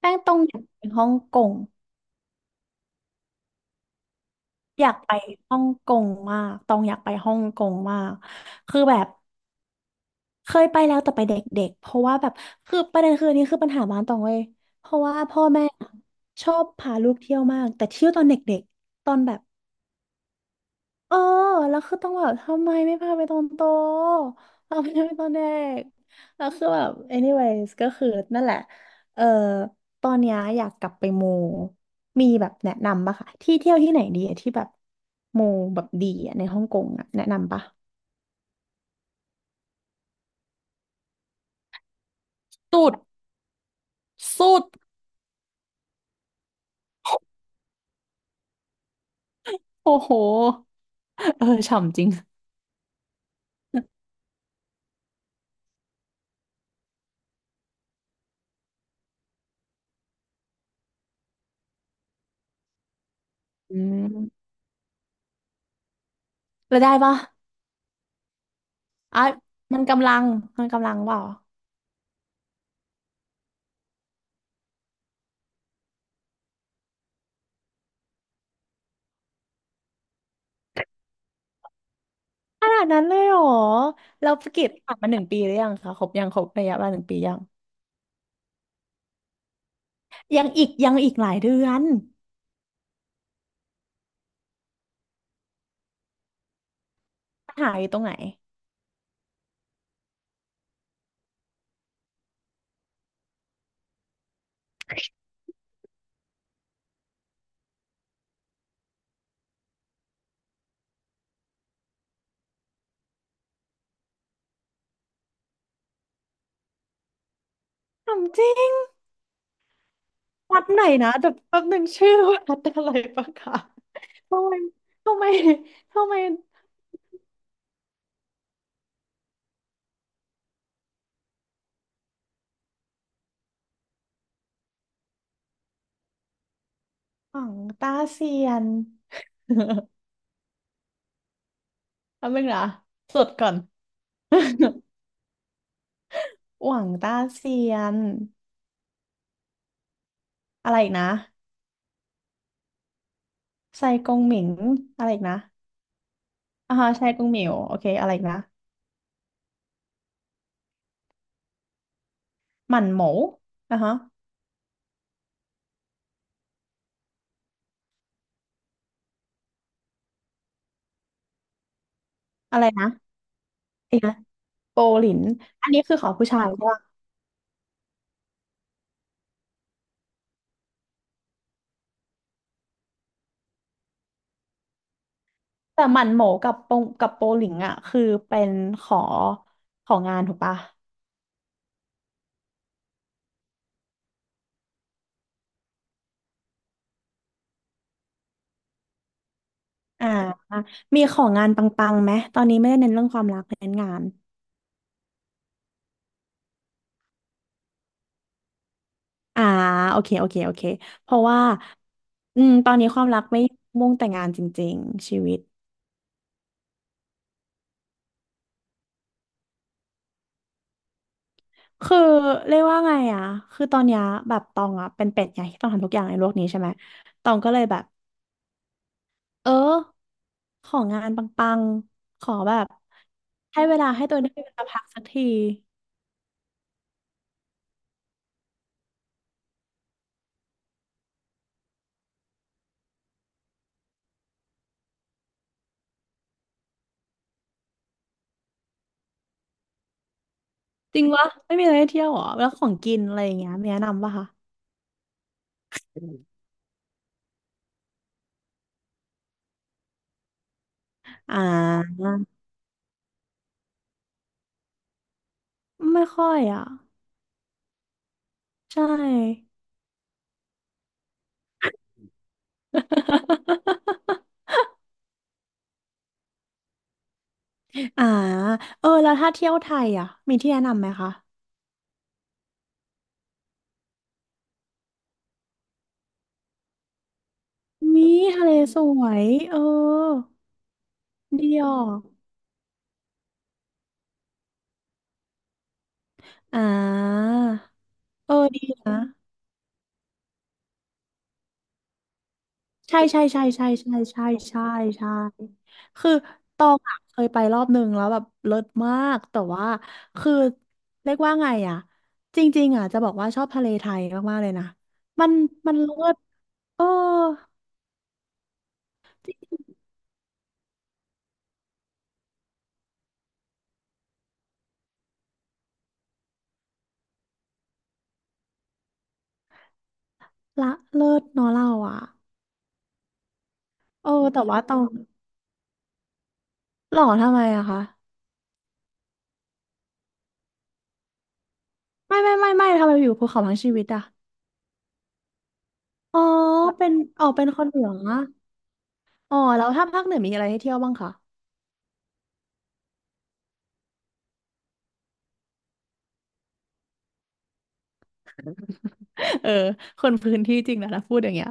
แป้งตองอยากไปฮ่องกงอยากไปฮ่องกงมากตองอยากไปฮ่องกงมากคือแบบเคยไปแล้วแต่ไปเด็กๆเพราะว่าแบบคือประเด็นคืออันนี้คือปัญหาบ้านตองเว้ยเพราะว่าพ่อแม่ชอบพาลูกเที่ยวมากแต่เที่ยวตอนเด็กๆตอนแบบ เออแล้วคือต้องแบบทำไมไม่พาไปตอนโตพาไปไปตอนเด็กแล้วคือแบบ anyways ก็คือนั่นแหละ เออ ตอนเนี้ยอยากกลับไปมูมีแบบแนะนำปะคะ ที่เที่ยวที่ไหนดีอะที่แบบมูแบบดีอะในฮ่องกงอะแนะนำปะสุดสุด โอ้โหเออฉ่ำจริงอืมแล้วได้ปะอ่ะมันกำลัง มันกำลังเปล่า ขนาดนั้นเลยเหรอเราฝึกกิจผ่านมาหนึ่งปีหรือยังคะครบยังครบระยะเวลาหนึ่งปียังยังอีกยังอีกหลายเดือนปัญหาอยู่ตรงไหนถามจริงวัดไหนนะแต่แป๊บหนึ่งชื่อวัดอะไรปะคะ ทำไมทำไมทำไมหวังตาเซียน แป๊บหนึงนะสดก่อน หวังตาเซียนอะไรอีกนะไซกงหมิงอะไรอีกนะอ่าฮะไซกงหมิวโอเคอะไรอีกนะหมั่นหมูอ่าฮะอะไรนะ เองนะโปหลินอันนี้คือขอผู้ชายใช่ปะแต่หมั่นโหมกับโปกับโปหลิงอ่ะคือเป็นขอของานถูกปะอ่ามีของงานปังๆไหมตอนนี้ไม่ได้เน้นเรื่องความรักเน้นงานอ่าโอเคโอเคโอเคเพราะว่าอืมตอนนี้ความรักไม่มุ่งแต่งานจริงๆชีวิตคือเรียกว่าไงอ่ะคือตอนเนี้ยแบบตองอ่ะเป็นเป็ดไงที่ต้องทำทุกอย่างในโลกนี้ใช่ไหมตองก็เลยแบบ เออของงานปังๆขอแบบให้เวลาให้ตัวเองได้มีเวลาพักสักทีจริงวะไม่มีอะไรให้เที่ยวเหรอแล้วของกินอะไรอย่างเงี้ยมีแนะนำป่ะคะอ่าไม่ค่อยอ่ะใช่ อ่าเออแล้วถ้าเที่ยวไทยอ่ะมีที่แนะนำไหมคะมีทะเลสวยเออดีอ่ะอ่าเออดีนะใช่ใช่ใช่ใช่ใช่ใช่ใช่ใช่ คือตองอะเคยไปรอบนึงแล้วแบบเลิศมากแต่ว่าคือเรียกว่าไงอ่ะจริงๆอ่ะจะบอกว่าชอบทะเลไทยมากๆเลยนะมันมันเลิศเออละเลิศเนอะเราอ่ะเออแต่ว่าตองหล่อทำไมอะคะไม่ทำไมอยู่ภูเขาทั้งชีวิตอะอ๋อเป็นอ๋อเป็นคนเหนืออ๋อแล้วถ้าภาคเหนือมีอะไรให้เที่ยวบ้างคะ เออคนพื้นที่จริงนะถ้าพูดอย่างเงี้ย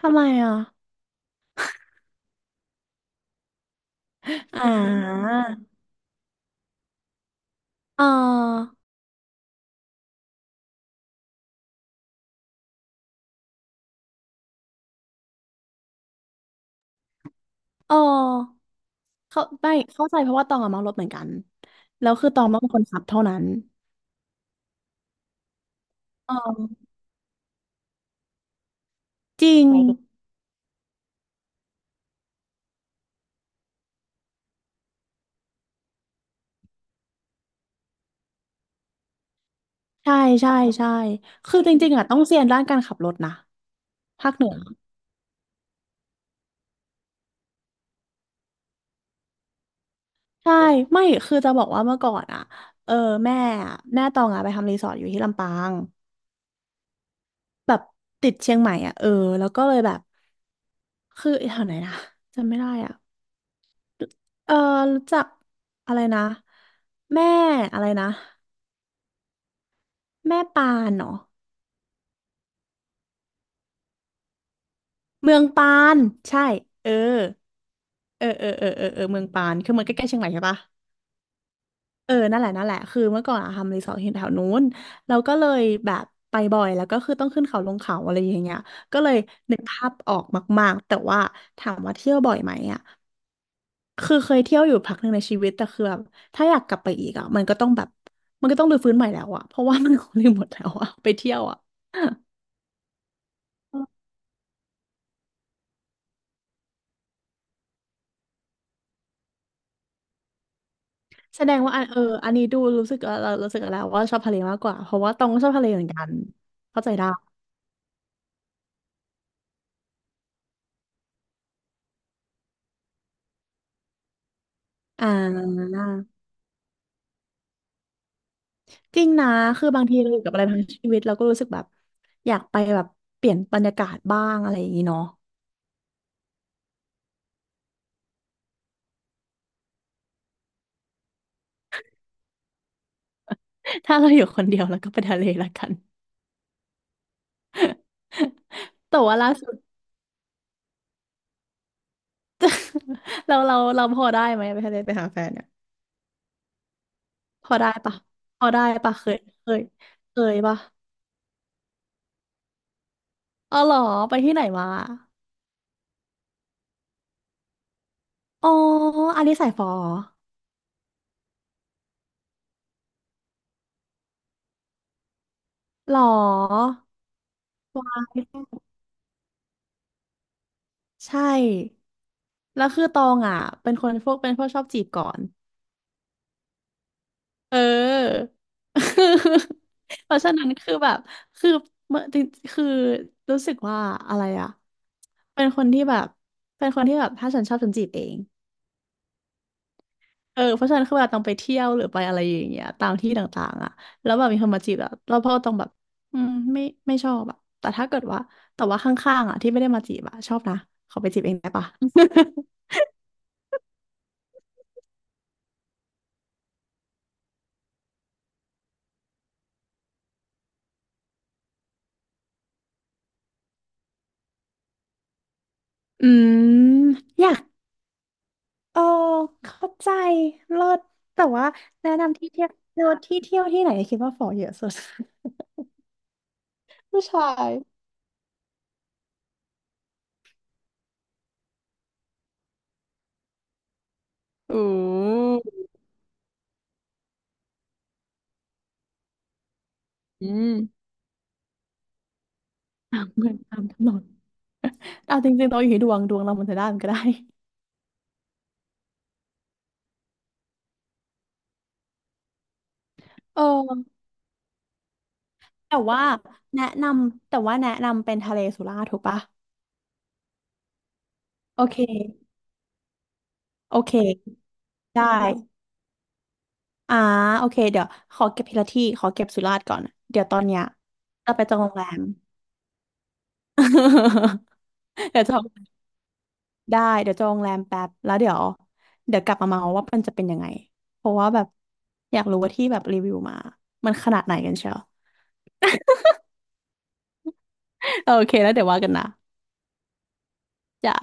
ทำไมอ่ะ อ่าอ๋ออ๋อ เข้าไม่เข้าใจเพราะว่าตองอะเมารถเหมือนกันแล้วคือตองเป็นคนขับเท่านั้นอ๋อจริงใช่ใช่ใช่คือจริงๆอะต้องเซียนด้านการขับรถนะภาคเหนือใช่ไม่คือจะบอกว่าเมื่อก่อนอะเออแม่อะแม่ตองอะไปทำรีสอร์ทอยู่ที่ลำปางแบบติดเชียงใหม่อะเออแล้วก็เลยแบบคือแถวไหนนะจำไม่ได้อะเออรู้จักอะไรนะแม่อะไรนะแม่ปานเนาะ เมืองปานใช่เออเออเออเออเออเออเมืองปานคือมันใกล้ๆเชียงใหม่ใช่ปะเออนั่นแหละนั่นแหละคือเมื่อก่อนอะทำรีสอร์ทที่แถวนู้นเราก็เลยแบบไปบ่อยแล้วก็คือต้องขึ้นเขาลงเขาอะไรอย่างเงี้ยก็เลยนึกภาพออกมากๆแต่ว่าถามว่าเที่ยวบ่อยไหมอ่ะคือเคยเที่ยวอยู่พักหนึ่งในชีวิตแต่คือแบบถ้าอยากกลับไปอีกอ่ะมันก็ต้องแบบมันก็ต้องรื้อฟื้นใหม่แล้วอ่ะเพราะว่ามัน คงลืมหมดแล้วอ่ะไปเที่ยวอ่ะ แสดงว่าอันเอออันนี้ดูรู้สึกว่าเรารู้สึกแล้วว่าชอบทะเลมากกว่าเพราะว่าตองก็ชอบทะเลเหมือนกันเข้าใจได้อ่าจริงนะคือบางทีเราอยู่กับอะไรทั้งชีวิตเราก็รู้สึกแบบอยากไปแบบเปลี่ยนบรรยากาศบ้างอะไรอย่างนี้เนาะ ถ้าเราอยู่คนเดียวเราก็ไปทะเลละกันแต่ว่าล่าสุด เราพอได้ไหมไปทะเลไปหาแฟนเนี่ยพอได้ปะพอได้ปะเคยเคยเคยปะอ๋อเหรอไปที่ไหนมาอ๋ออันนี้สายฟอเหรอวาย ใช่ แล้วคือตองอ่ะเป็นคนพวกเป็นพวกชอบจีบก่อนเออ เพราะฉะนั้นคือแบบคือเมื่อจริงคือรู้สึกว่าอะไรอ่ะเป็นคนที่แบบเป็นคนที่แบบถ้าฉันชอบฉันจีบเองเออเพราะฉะนั้นคือเวลาต้องไปเที่ยวหรือไปอะไรอย่างเงี้ยตามที่ต่างๆอ่ะแล้วแบบมีคนมาจีบอ่ะเราพ่อต้องแบบอืมไม่ไม่ชอบอ่ะแต่ถ้าเกิดว่าแต่ว่าข้างๆอ่ะที่ไม่ได้มาจีบอ่ะชอบนะขอไปจีบเองได้ปะ อืมอยาก เออเข้าใจเลิศแต่ว่าแนะนำที่เที่ยวเลิศที่เที่ยวที่ไหนคิดว่าฝอเยอะสุด ผู้ชายอืมอืมตามเงินตามถนนเอาจริงๆเราอยู่ที่ดวงดวงเรามันจะได้มันก็ได้เออแต่ว่าแนะนำแต่ว่าแนะนำเป็นทะเลสุราษฎร์ถูกปะโอเคโอเคได้อ่าโอเคเดี๋ยวขอเก็บทีละที่ขอเก็บสุราษฎร์ก่อนเดี๋ยวตอนเนี้ยจะไปจองโรงแรม เดี๋ยวจอง ได้เดี๋ยวจองโรงแรมแป๊บแล้วเดี๋ยวเดี๋ยวกลับมาเมาว่ามันจะเป็นยังไงเพราะว่าแบบอยากรู้ว่าที่แบบรีวิวมามันขนาดไหนกันเชียว โอเคแล้วเดี๋ยวว่ากันนะจ้ะ